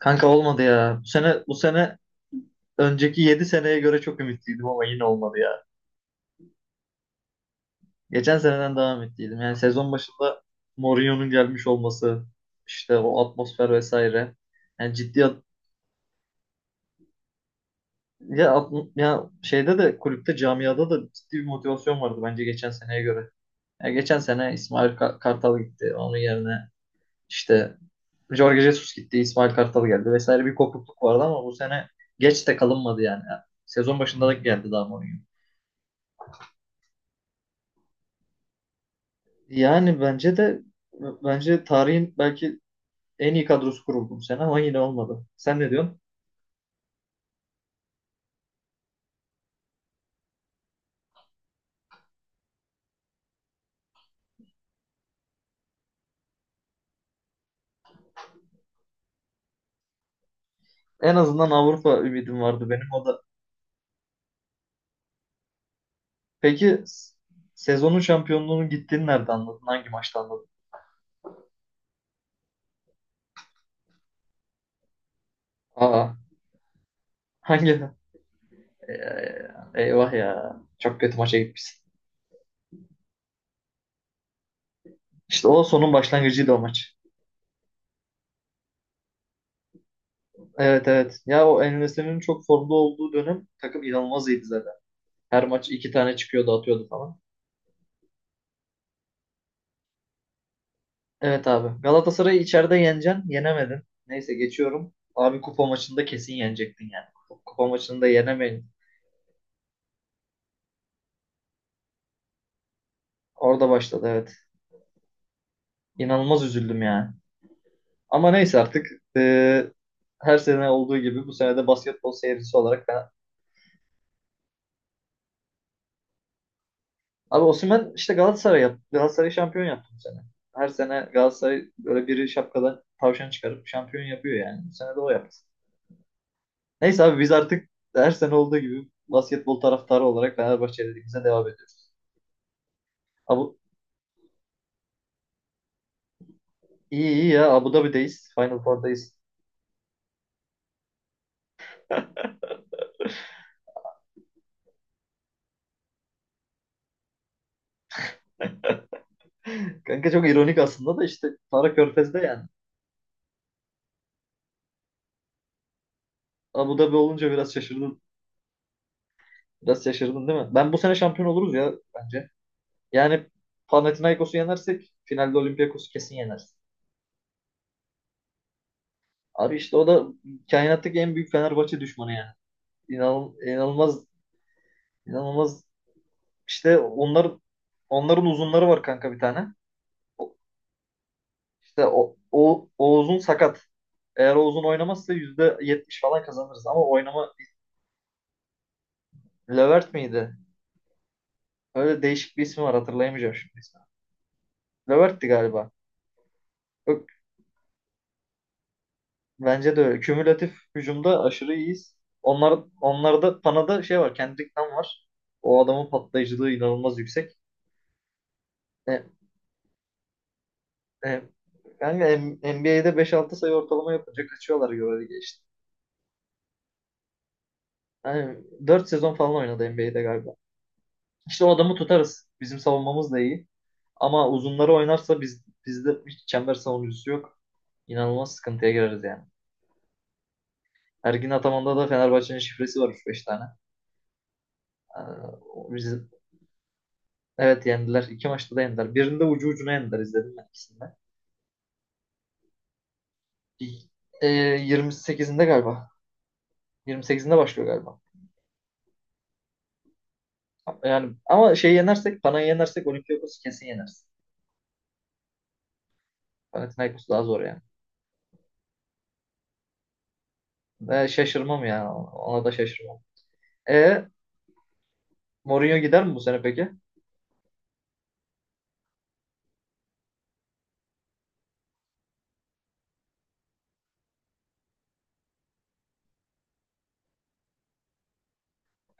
Kanka olmadı ya. Bu sene önceki 7 seneye göre çok ümitliydim ama yine olmadı ya. Geçen seneden daha ümitliydim. Yani sezon başında Mourinho'nun gelmiş olması, işte o atmosfer vesaire. Yani ciddi at- ya, at- Ya şeyde de kulüpte camiada da ciddi bir motivasyon vardı bence geçen seneye göre. Ya geçen sene İsmail Kartal gitti. Onun yerine işte Jorge Jesus gitti, İsmail Kartal geldi vesaire bir kopukluk vardı ama bu sene geç de kalınmadı yani. Sezon başında da geldi daha Mourinho. Yani bence tarihin belki en iyi kadrosu kuruldu bu sene ama yine olmadı. Sen ne diyorsun? En azından Avrupa ümidim vardı benim o da. Peki s- Sezonun şampiyonluğunun gittiğini nerede anladın? Hangi maçta anladın? Aa, hangi? Ee, Eyvah ya. Çok kötü maça gitmişsin. İşte o sonun başlangıcıydı o maç. Evet, evet. Ya o En-Nesyri'nin çok formda olduğu dönem takım inanılmaz iyiydi zaten. Her maç iki tane çıkıyordu atıyordu falan. Evet abi. Galatasaray'ı içeride yeneceksin. Yenemedin. Neyse geçiyorum. Abi kupa maçında kesin yenecektin yani. Kupa maçında yenemeyin. Orada başladı evet. İnanılmaz üzüldüm yani. Ama neyse artık eee, her sene olduğu gibi bu sene de basketbol seyircisi olarak ben... Abi Osimhen işte Galatasaray yaptı. Galatasaray şampiyon yaptı bu sene. Her sene Galatasaray böyle biri şapkadan tavşan çıkarıp şampiyon yapıyor yani. Bu sene de o yaptı. Neyse abi biz artık her sene olduğu gibi basketbol taraftarı olarak Fenerbahçe'de bize devam ediyoruz. Abi, İyi iyi ya, Abu Dhabi'deyiz. Final Four'dayız. Kanka çok ironik aslında da işte Para Körfez'de yani. Abu Dhabi olunca biraz şaşırdın. Biraz şaşırdın değil mi? Ben bu sene şampiyon oluruz ya bence. Yani Panathinaikos'u yenersek finalde Olympiakos'u kesin yeneriz. Abi işte o da kainattaki en büyük Fenerbahçe düşmanı yani. İnan, inanılmaz inanılmaz işte onların uzunları var kanka bir tane. O- İşte o uzun sakat. Eğer o uzun oynamazsa %70 falan kazanırız ama oynama Levert miydi? Öyle değişik bir ismi var hatırlayamayacağım şimdi ismi. Levert'ti galiba. Yok, bence de öyle. Kümülatif hücumda aşırı iyiyiz. Onlarda Pana'da şey var. Kendrick Nunn var. O adamın patlayıcılığı inanılmaz yüksek. E, e, yani NBA'de beş altı sayı ortalama yapınca kaçıyorlar göre geçti. Yani 4 sezon falan oynadı NBA'de galiba. İşte o adamı tutarız. Bizim savunmamız da iyi. Ama uzunları oynarsa bizde hiç çember savunucusu yok. İnanılmaz sıkıntıya gireriz yani. Ergin Ataman'da da Fenerbahçe'nin şifresi var 3 beş tane. Ee, bizi, evet yendiler. İki maçta da yendiler. Birinde ucu ucuna yendiler izledim ben ikisinde. Ee, 28'inde galiba. 28'inde başlıyor galiba. Yani ama yenersek, Panay'ı yenersek Olympiakos'u kesin yeneriz. Panathinaikos daha zor yani. Ve şaşırmam ya. Ona da şaşırmam. E, Mourinho gider mi bu sene peki?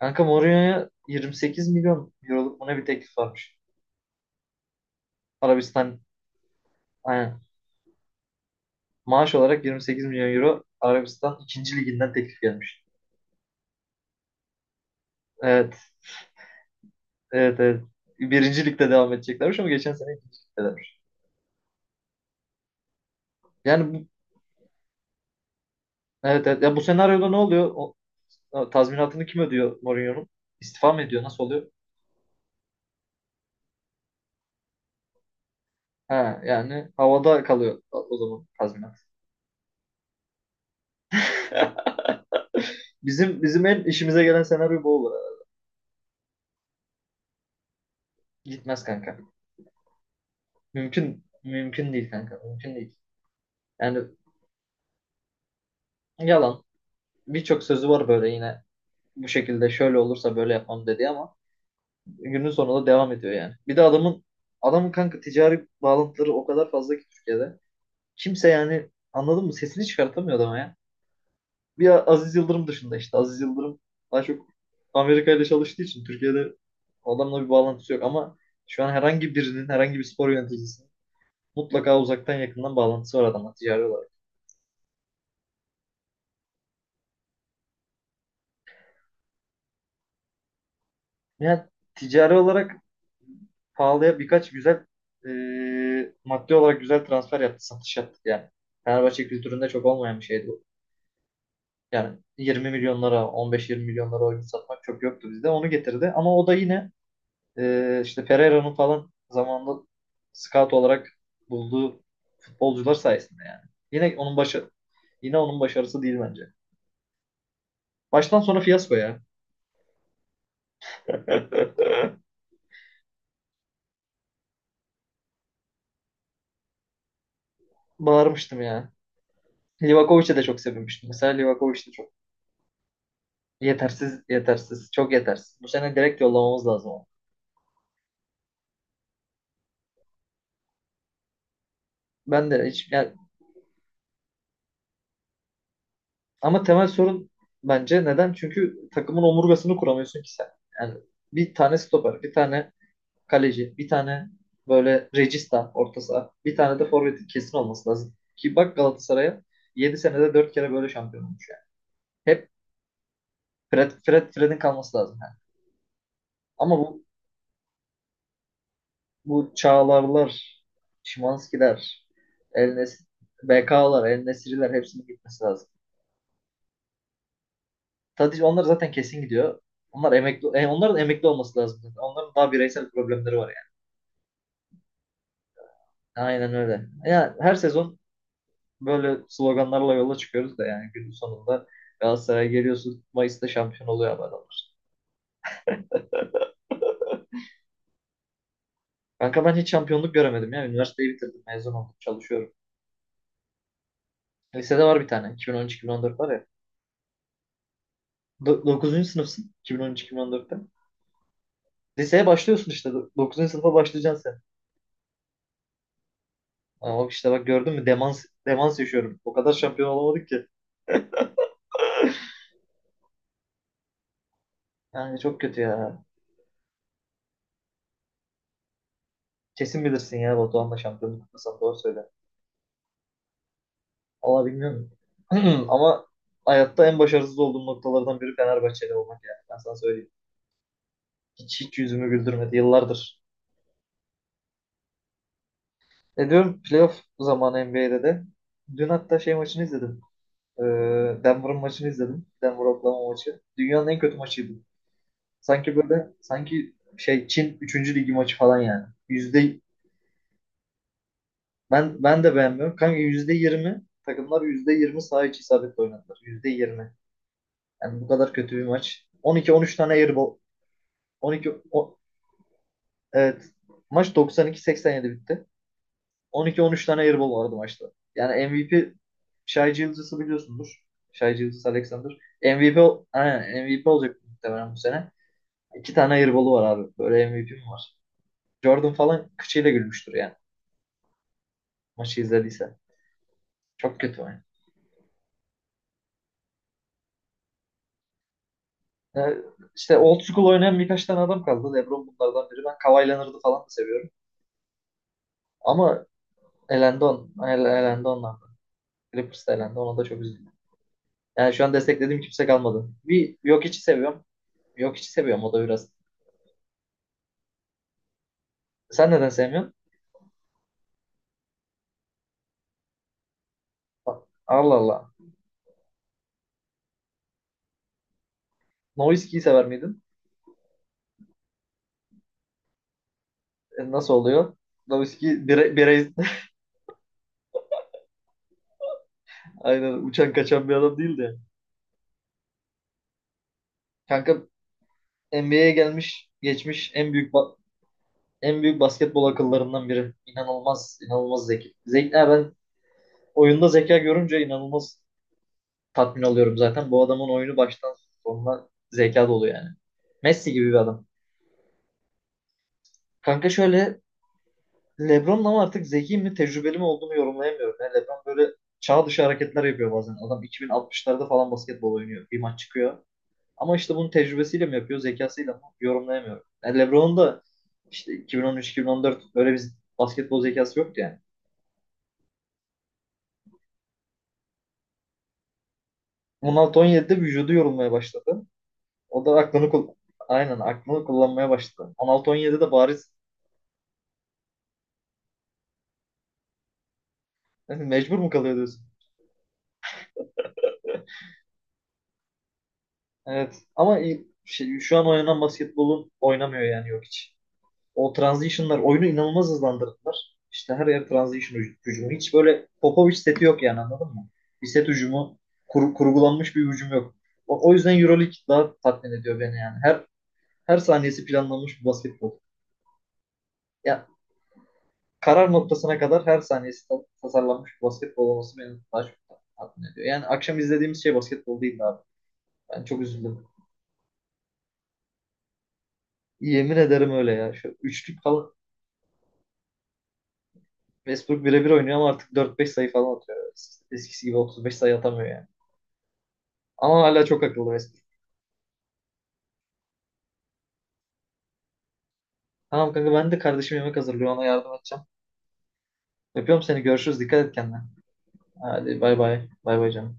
Kanka Mourinho'ya 28 milyon euroluk buna bir teklif varmış. Arabistan, aynen. Maaş olarak 28 milyon euro Arabistan ikinci liginden teklif gelmiş. Evet, evet, evet. Birinci ligde devam edeceklermiş ama geçen sene ikinci ligdelermiş. Yani bu, evet, evet. Ya bu senaryoda ne oluyor? O tazminatını kim ödüyor Mourinho'nun? İstifa mı ediyor? Nasıl oluyor? Ha, yani havada kalıyor o zaman tazminat. Bizim en işimize gelen senaryo bu olur herhalde. Gitmez kanka. Mümkün değil kanka. Mümkün değil. Yani yalan. Birçok sözü var böyle yine bu şekilde şöyle olursa böyle yapmam dedi ama günün sonunda devam ediyor yani. Bir de adamın kanka ticari bağlantıları o kadar fazla ki Türkiye'de. Kimse yani anladın mı? Sesini çıkartamıyor adama ya. Bir Aziz Yıldırım dışında işte. Aziz Yıldırım daha çok Amerika ile çalıştığı için Türkiye'de adamla bir bağlantısı yok ama şu an herhangi birinin, herhangi bir spor yöneticisinin mutlaka uzaktan yakından bağlantısı var adamla ticari olarak. Yani ticari olarak pahalıya birkaç güzel maddi olarak güzel transfer yaptı, satış yaptı yani. Fenerbahçe kültüründe çok olmayan bir şeydi bu. Yani 20 milyonlara, 15-20 milyonlara oyun satmak çok yoktu bizde. Onu getirdi. Ama o da yine işte Pereira'nın falan zamanında scout olarak bulduğu futbolcular sayesinde yani. Yine onun başı Yine onun başarısı değil bence. Baştan sona fiyasko ya. Bağırmıştım ya. Livakovic'e de çok sevinmiştim. Mesela Livakovic de çok yetersiz, yetersiz, çok yetersiz. Bu sene direkt yollamamız lazım onu. Ben de hiç yani. Ama temel sorun bence neden? Çünkü takımın omurgasını kuramıyorsun ki sen. Yani bir tane stoper, bir tane kaleci, bir tane böyle regista orta saha, bir tane de forvetin kesin olması lazım. Ki bak Galatasaray'a 7 senede 4 kere böyle şampiyon olmuş yani. Hep Fred'in kalması lazım yani. Ama bu Çağlarlar, Şimanskiler, El Nes BK'lar, El Nesri'ler hepsinin gitmesi lazım. Tadic onlar zaten kesin gidiyor. Onlar emekli, onların emekli olması lazım. Onların daha bireysel problemleri var yani. Aynen öyle. Yani her sezon böyle sloganlarla yola çıkıyoruz da yani günün sonunda Galatasaray'a geliyorsun. Mayıs'ta şampiyon oluyor abi adamlar. Kanka ben hiç şampiyonluk göremedim ya. Üniversiteyi bitirdim. Mezun oldum. Çalışıyorum. Lisede var bir tane. 2013-2014 var ya. Dokuzuncu sınıfsın. 2013-2014'te. Liseye başlıyorsun işte. Dokuzuncu sınıfa başlayacaksın sen. Ama işte bak gördün mü? Demans, demans yaşıyorum. O kadar şampiyon olamadık ki. Yani çok kötü ya. Kesin bilirsin ya, Batuhan'la şampiyonluk kutlasam doğru söyle. Valla bilmiyorum. Ama hayatta en başarısız olduğum noktalardan biri Fenerbahçeli olmak yani. Ben sana söyleyeyim. Hiç, hiç yüzümü güldürmedi yıllardır. E, diyorum playoff zamanı NBA'de de. Dün hatta şey maçını izledim. Ee, Denver'ın maçını izledim. Denver Oklahoma maçı. Dünyanın en kötü maçıydı. Sanki böyle sanki şey Çin üçüncü ligi maçı falan yani. Ben de beğenmiyorum. Kanka %20 takımlar %20 saha içi isabetle oynadılar. %20. Yani bu kadar kötü bir maç. 12-13 tane airball. 12. Evet. Maç 92-87 bitti. 12-13 tane airball vardı maçta. Yani MVP Shai Gilgeous'u biliyorsundur. Shai Gilgeous Alexander. MVP olacak muhtemelen bu sene. İki tane airball'u var abi. Böyle MVP mi var? Jordan falan kıçıyla gülmüştür yani. Maçı izlediyse. Çok kötü oyun. Yani işte old school oynayan birkaç tane adam kaldı. LeBron bunlardan biri. Ben Kawhi Leonard'ı falan da seviyorum. Ama elendi on. Elendi onlar. Clippers elendi. Ona da çok üzüldüm. Yani şu an desteklediğim kimse kalmadı. Bir yok içi seviyorum. Yok içi seviyorum o da biraz. Sen neden sevmiyorsun? Allah Allah. Nowitzki'yi sever miydin? E, nasıl oluyor? Nowitzki bire, birey aynen uçan kaçan bir adam değil de. Kanka NBA'ye gelmiş geçmiş en büyük basketbol akıllarından biri. İnanılmaz, inanılmaz zeki. Zeki, ben oyunda zeka görünce inanılmaz tatmin oluyorum zaten. Bu adamın oyunu baştan sonuna zeka dolu yani. Messi gibi bir adam. Kanka şöyle, LeBron'un ama artık zeki mi tecrübeli mi olduğunu yorumlayamıyorum. Yani LeBron böyle çağ dışı hareketler yapıyor bazen. Adam 2060'larda falan basketbol oynuyor. Bir maç çıkıyor. Ama işte bunun tecrübesiyle mi yapıyor, zekasıyla mı yorumlayamıyorum. Yani LeBron'un da işte 2013-2014 öyle bir basketbol zekası yoktu yani. 16-17'de vücudu yorulmaya başladı. O da aynen aklını kullanmaya başladı. 16-17'de bariz mecbur mu kalıyor diyorsun? Evet. Ama şu an oynanan basketbolun oynamıyor yani yok hiç. O transition'lar oyunu inanılmaz hızlandırdılar. İşte her yer transition hücumu. Hiç böyle Popovic seti yok yani anladın mı? Bir set hücumu, kurgulanmış bir hücum yok. O yüzden EuroLeague daha tatmin ediyor beni yani. Her saniyesi planlanmış bir basketbol. Ya karar noktasına kadar her saniyesi tasarlanmış bir basketbol olması beni daha çok tatmin ediyor. Yani akşam izlediğimiz şey basketbol değildi abi. Ben çok üzüldüm. Yemin ederim öyle ya. Şu üçlük falan Westbrook birebir oynuyor ama artık dört beş sayı falan atıyor. Eskisi gibi 35 sayı atamıyor yani. Ama hala çok akıllı Vesper. Tamam kanka, ben de kardeşim yemek hazırlıyor ona yardım edeceğim. Öpüyorum seni, görüşürüz, dikkat et kendine. Hadi bay bay. Bay bay canım.